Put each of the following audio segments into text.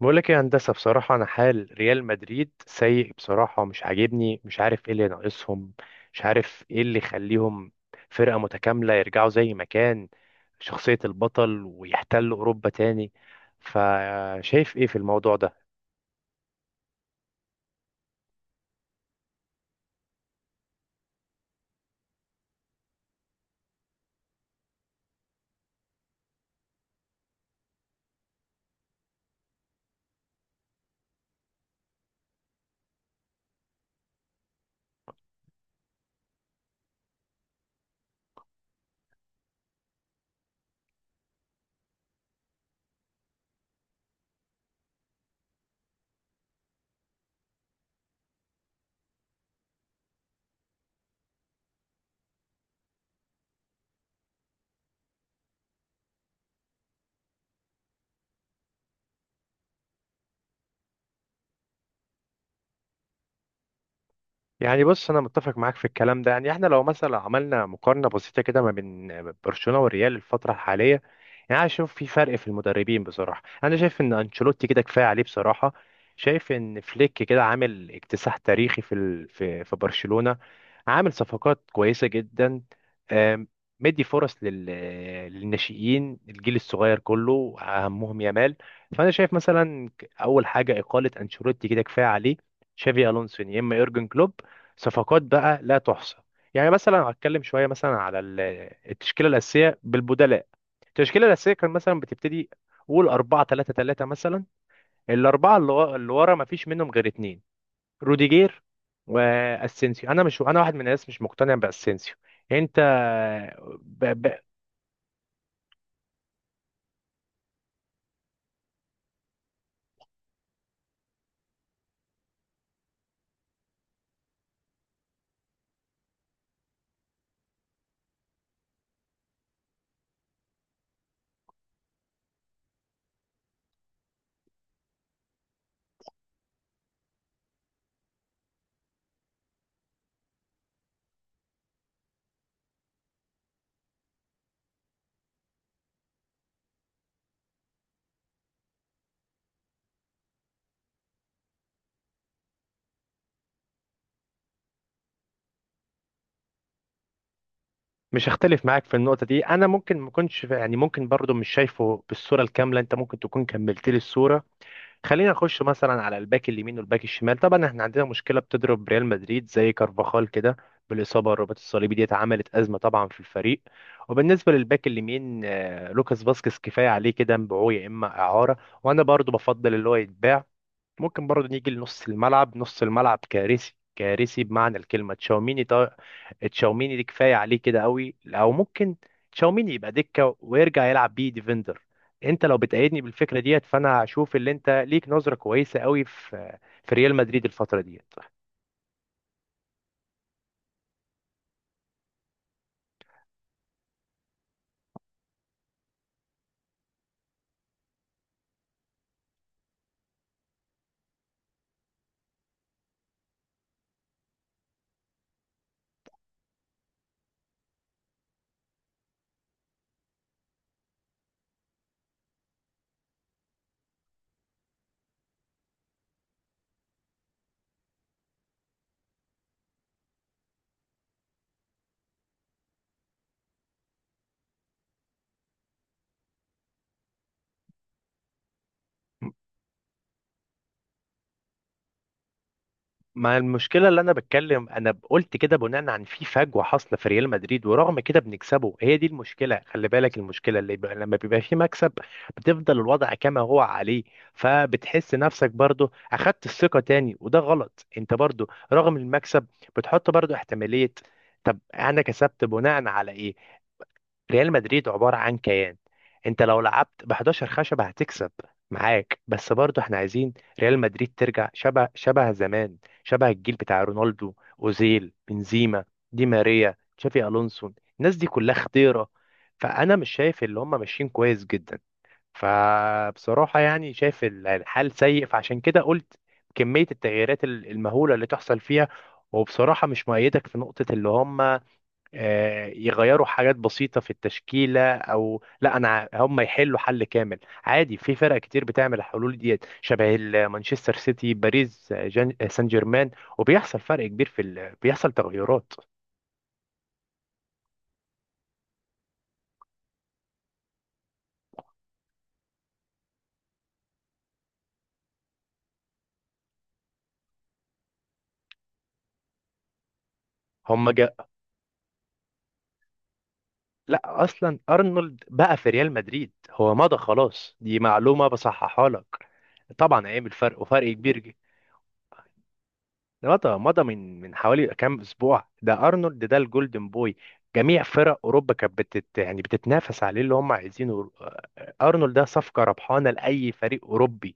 بقول لك ايه يا هندسه؟ بصراحه انا حال ريال مدريد سيء، بصراحه مش عاجبني، مش عارف ايه اللي ناقصهم، مش عارف ايه اللي يخليهم فرقه متكامله يرجعوا زي ما كان شخصيه البطل ويحتلوا اوروبا تاني. فشايف ايه في الموضوع ده؟ يعني بص، انا متفق معاك في الكلام ده. يعني احنا لو مثلا عملنا مقارنه بسيطه كده ما بين برشلونه والريال الفتره الحاليه، يعني انا شايف في فرق في المدربين، بصراحه انا شايف ان انشيلوتي كده كفايه عليه، بصراحه شايف ان فليك كده عامل اكتساح تاريخي في برشلونه، عامل صفقات كويسه جدا، آم، مدي فرص للناشئين، الجيل الصغير كله اهمهم يامال. فانا شايف مثلا اول حاجه اقاله انشيلوتي كده كفايه عليه، تشافي الونسو يا اما يورجن كلوب، صفقات بقى لا تحصى. يعني مثلا هتكلم شويه مثلا على التشكيله الاساسيه بالبدلاء. التشكيله الاساسيه كان مثلا بتبتدي قول 4 3 3 مثلا، الاربعه اللي ورا ما فيش منهم غير اتنين، روديجير واسينسيو. انا مش، انا واحد من الناس مش مقتنع باسينسيو. انت ب... ب... مش هختلف معاك في النقطه دي. انا ممكن ما كنتش، يعني ممكن برضو مش شايفه بالصوره الكامله، انت ممكن تكون كملت لي الصوره. خلينا نخش مثلا على الباك اليمين والباك الشمال. طبعا احنا عندنا مشكله بتضرب ريال مدريد زي كارفاخال كده بالاصابه، الرباط الصليبي ديت عملت ازمه طبعا في الفريق. وبالنسبه للباك اليمين، لوكاس فاسكيز كفايه عليه كده، مبيعوه يا اما اعاره، وانا برضو بفضل اللي هو يتباع. ممكن برضو نيجي لنص الملعب، نص الملعب كارثي، كارثي بمعنى الكلمه، تشاوميني، تشاوميني دي كفايه عليه كده قوي، او ممكن تشاوميني يبقى دكه ويرجع يلعب بيه ديفندر. انت لو بتأيدني بالفكره ديت فانا هشوف اللي انت ليك نظره كويسه قوي في في ريال مدريد الفتره ديت. ما المشكلة اللي أنا بتكلم، أنا قلت كده بناء عن في فجوة حاصلة في ريال مدريد ورغم كده بنكسبه، هي دي المشكلة، خلي بالك المشكلة اللي بقى لما بيبقى في مكسب بتفضل الوضع كما هو عليه. فبتحس نفسك برضو أخدت الثقة تاني وده غلط، أنت برضو رغم المكسب بتحط برضو احتمالية. طب أنا كسبت بناء على إيه؟ ريال مدريد عبارة عن كيان، انت لو لعبت ب 11 خشبة هتكسب معاك، بس برضه احنا عايزين ريال مدريد ترجع شبه، شبه زمان، شبه الجيل بتاع رونالدو، اوزيل، بنزيما، دي ماريا، تشافي الونسو، الناس دي كلها خطيرة. فانا مش شايف اللي هم ماشيين كويس جدا، فبصراحة يعني شايف الحال سيء، فعشان كده قلت كمية التغييرات المهولة اللي تحصل فيها. وبصراحة مش مؤيدك في نقطة اللي هم، يغيروا حاجات بسيطة في التشكيلة، أو لا أنا، هم يحلوا حل كامل، عادي في فرق كتير بتعمل الحلول ديت، شبه مانشستر سيتي، باريس سان جيرمان. وبيحصل فرق كبير بيحصل تغيرات. هم جا... لا، أصلا أرنولد بقى في ريال مدريد، هو مضى خلاص، دي معلومة بصححها لك. طبعا هيعمل فرق وفرق كبير. مضى، مضى من حوالي كام اسبوع ده، ارنولد ده الجولدن بوي، جميع فرق اوروبا كانت بتت، يعني بتتنافس عليه، اللي هم عايزينه. ارنولد ده صفقه ربحانه لاي فريق اوروبي،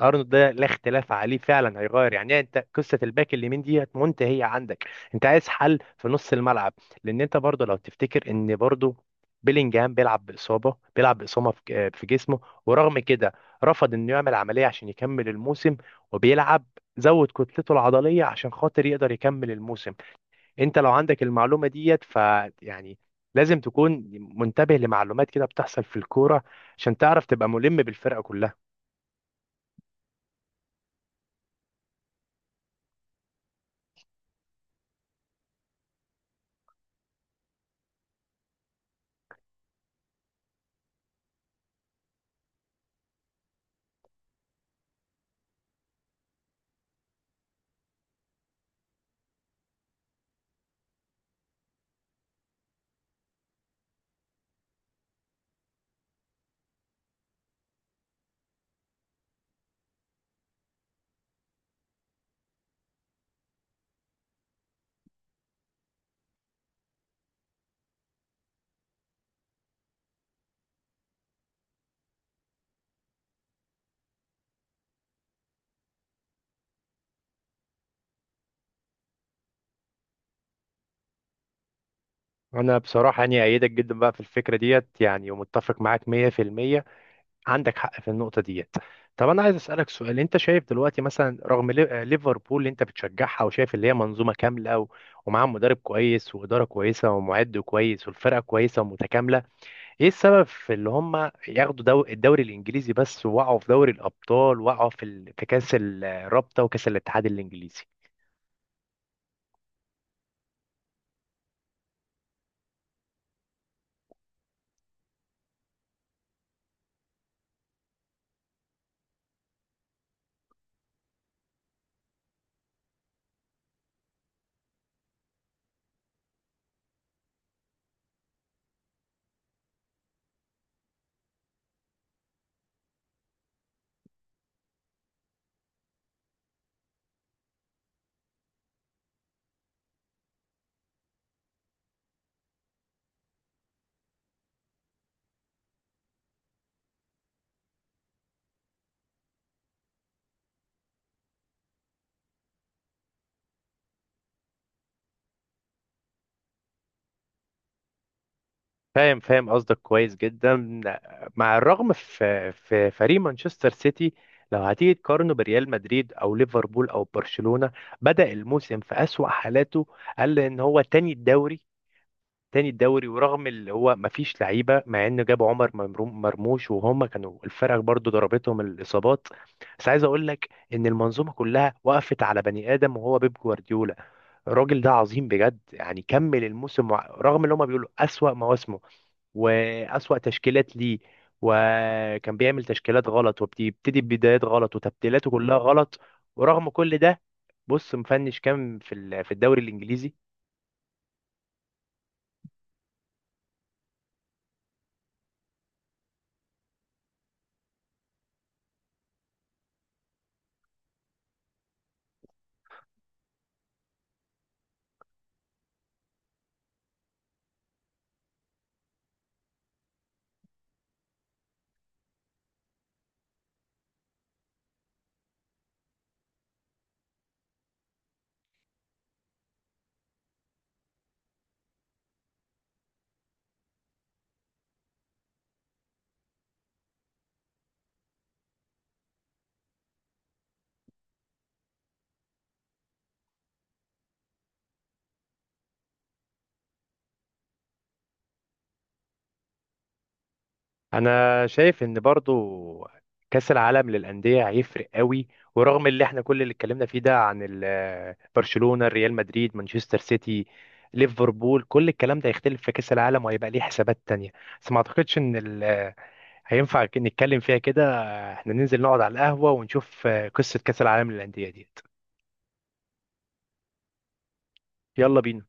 ارنولد ده لا اختلاف عليه، فعلا هيغير يعني إيه؟ انت قصه الباك اليمين دي منتهيه عندك، انت عايز حل في نص الملعب. لان انت برضه لو تفتكر ان برضه بيلينجهام بيلعب باصابه، بيلعب باصابه في في جسمه، ورغم كده رفض انه يعمل عمليه عشان يكمل الموسم وبيلعب، زود كتلته العضليه عشان خاطر يقدر يكمل الموسم. انت لو عندك المعلومه ديت ف، يعني لازم تكون منتبه لمعلومات كده بتحصل في الكوره عشان تعرف تبقى ملم بالفرقه كلها. انا بصراحه يعني ايدك جدا بقى في الفكره ديت، يعني ومتفق معاك 100%، عندك حق في النقطه ديت. طب انا عايز اسالك سؤال، انت شايف دلوقتي مثلا رغم ليفربول اللي انت بتشجعها وشايف اللي هي منظومه كامله و، ومعاها مدرب كويس واداره كويسه ومعد كويس والفرقه كويسه ومتكامله، ايه السبب في اللي هم ياخدوا دو الدوري الانجليزي بس وقعوا في دوري الابطال، وقعوا في في كاس الرابطه وكاس الاتحاد الانجليزي؟ فاهم، فاهم قصدك كويس جدا. مع الرغم في في فريق مانشستر سيتي، لو هتيجي تقارنه بريال مدريد او ليفربول او برشلونة، بدأ الموسم في أسوأ حالاته، قال ان هو تاني الدوري، تاني الدوري ورغم اللي هو مفيش لعيبة، مع انه جاب عمر مرموش، وهم كانوا الفرق برضو ضربتهم الإصابات. بس عايز اقول لك ان المنظومة كلها وقفت على بني آدم وهو بيب جوارديولا، الراجل ده عظيم بجد، يعني كمل الموسم رغم اللي هم بيقولوا أسوأ مواسمه وأسوأ تشكيلات ليه، وكان بيعمل تشكيلات غلط وبيبتدي ببدايات غلط وتبديلاته كلها غلط. ورغم كل ده بص مفنش كام في الدوري الإنجليزي. أنا شايف إن برضو كأس العالم للأندية هيفرق قوي، ورغم اللي احنا كل اللي اتكلمنا فيه ده عن برشلونة، ريال مدريد، مانشستر سيتي، ليفربول، كل الكلام ده هيختلف في كأس العالم وهيبقى ليه حسابات تانية. بس ما اعتقدش ان هينفع نتكلم فيها كده، احنا ننزل نقعد على القهوة ونشوف قصة كأس العالم للأندية ديت. يلا بينا.